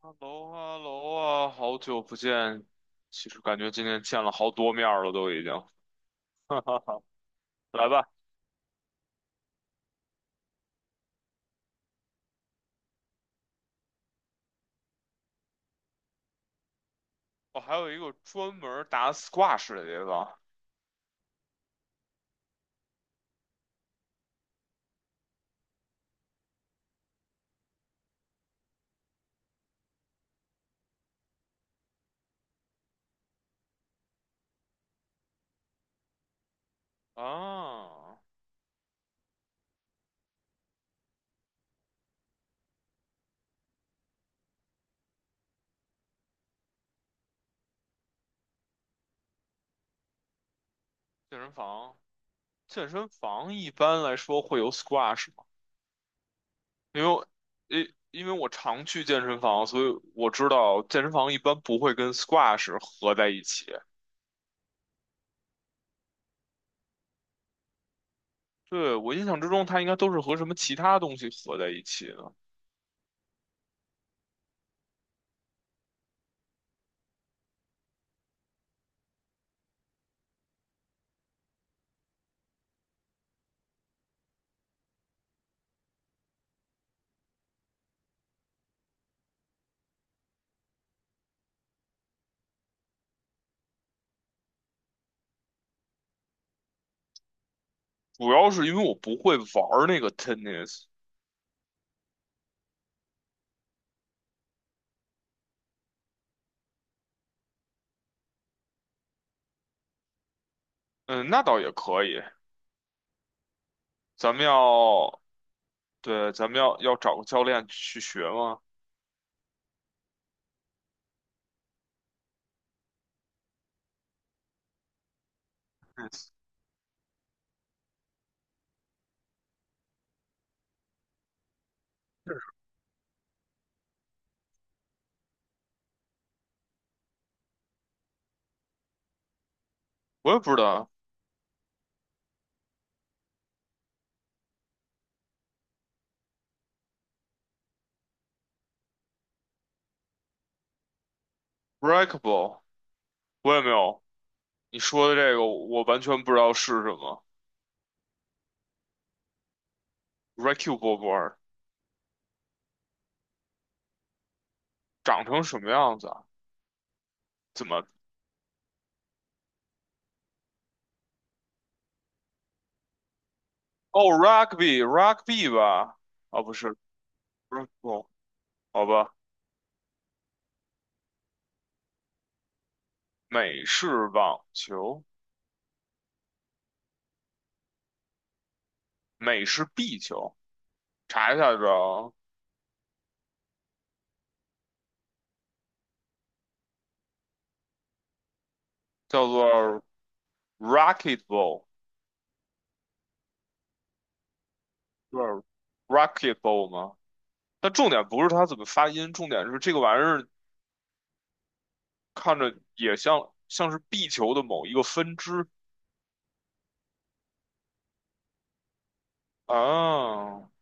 哈喽哈喽啊，好久不见。其实感觉今天见了好多面儿了，都已经。哈哈哈，来吧，我、还有一个专门儿打 squash 的地方啊，健身房。健身房一般来说会有 squash 吗？因为我，因为我常去健身房，所以我知道健身房一般不会跟 squash 合在一起。对，我印象之中，它应该都是和什么其他东西合在一起的。主要是因为我不会玩儿那个 tennis。嗯，那倒也可以。咱们要，对，咱们要找个教练去学吗？嗯，我也不知道，breakable，我也没有。你说的这个，我完全不知道是什么。r e c k a b l e board 长成什么样子啊？怎么？哦，rugby，rugby 吧？哦，不是 b r e a k a b l 好吧，美式网球，美式壁球，查一下知道，叫做 r a c k e t b a l l 是 r a c k e t b a l l 吗？但重点不是它怎么发音，重点是这个玩意儿看着也像是壁球的某一个分支啊。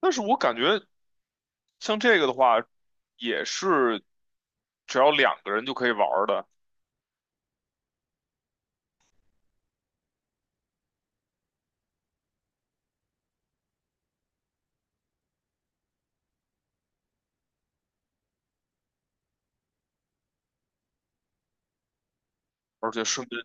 但是我感觉像这个的话，也是只要两个人就可以玩儿的，而且顺便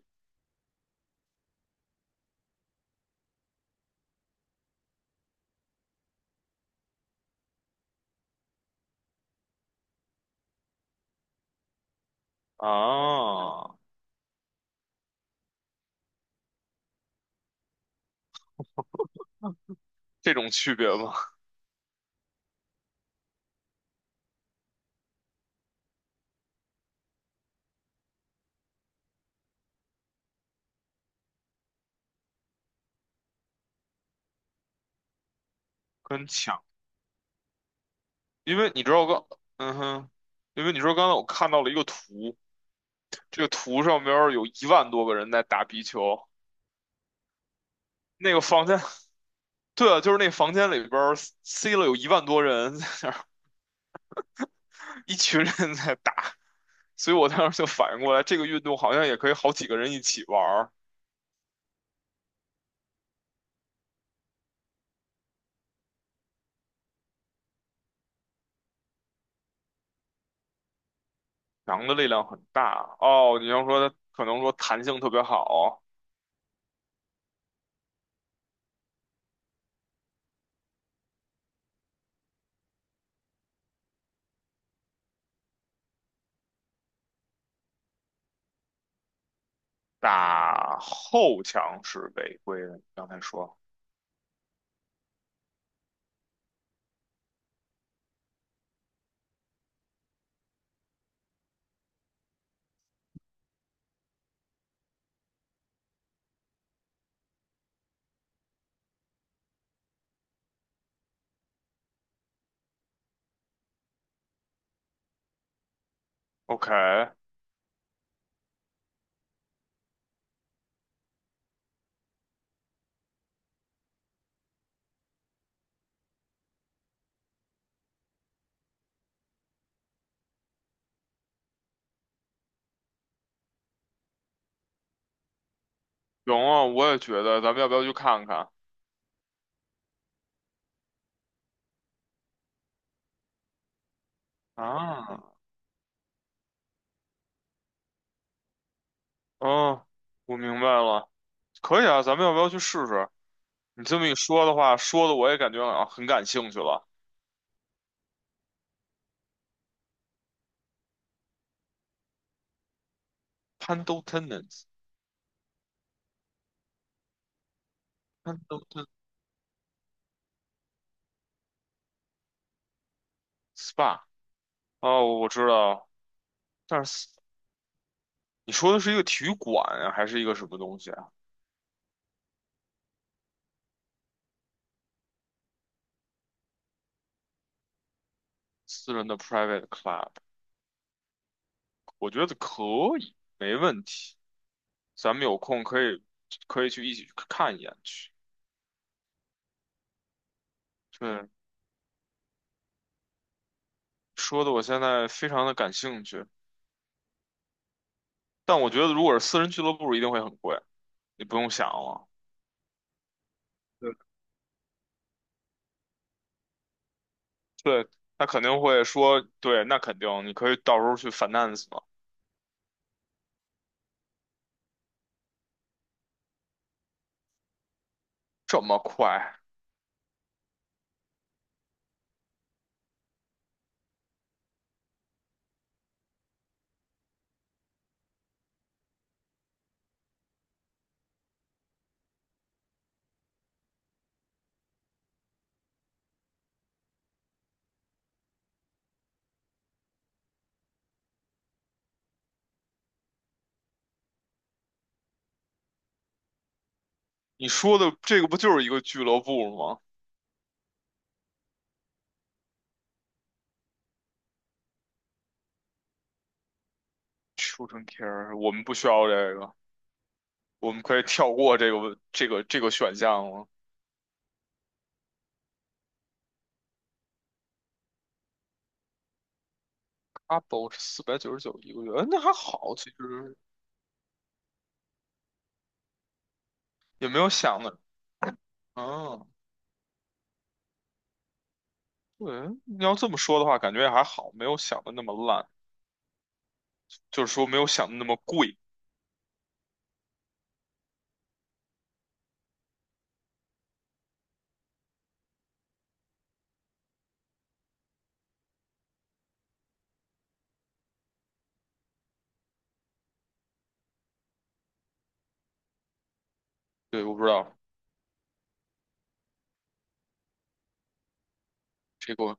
啊，这种区别吗？跟抢，因为你知道我刚，嗯哼，因为你说刚才我看到了一个图，这个图上边儿有一万多个人在打壁球。那个房间，对啊，就是那房间里边儿塞了有一万多人，在那一群人在打，所以我当时就反应过来，这个运动好像也可以好几个人一起玩儿，羊的力量很大哦。你要说它可能说弹性特别好，打后墙是违规的，你刚才说 OK，行啊，我也觉得，咱们要不要去看看啊？嗯，我明白了，可以啊，咱们要不要去试试？你这么一说的话，说的我也感觉啊很感兴趣了。Pando Tennis，Pando Tennis Spa，哦，我知道。但是你说的是一个体育馆啊还是一个什么东西啊？私人的 private club，我觉得可以，没问题。咱们有空可以去一起去看一眼去。对，说的我现在非常的感兴趣，但我觉得如果是私人俱乐部一定会很贵，你不用想了。对，对，他肯定会说，对，那肯定，你可以到时候去 finance 嘛。这么快？你说的这个不就是一个俱乐部吗？Children Care，我们不需要这个。我们可以跳过这个选项了。Couple 是499一个月，嗯那还好，其实也没有想的，嗯，对，你要这么说的话，感觉也还好，没有想的那么烂，就是说没有想的那么贵。对，我不知道这个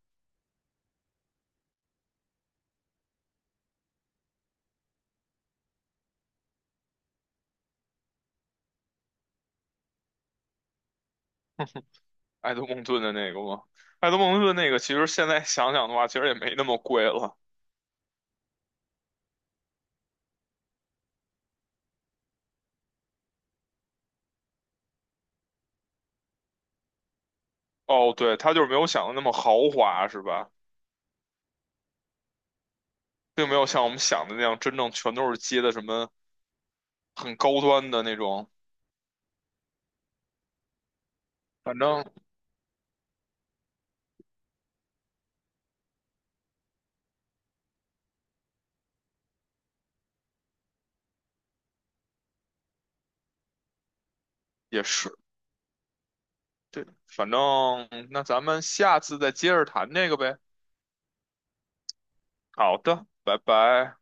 爱德蒙顿的那个吗？爱德蒙顿那个其实现在想想的话，其实也没那么贵了。哦，对，他就是没有想的那么豪华，是吧？并没有像我们想的那样，真正全都是接的什么很高端的那种，反正也是。对的反正那咱们下次再接着谈那个呗。好的，拜拜。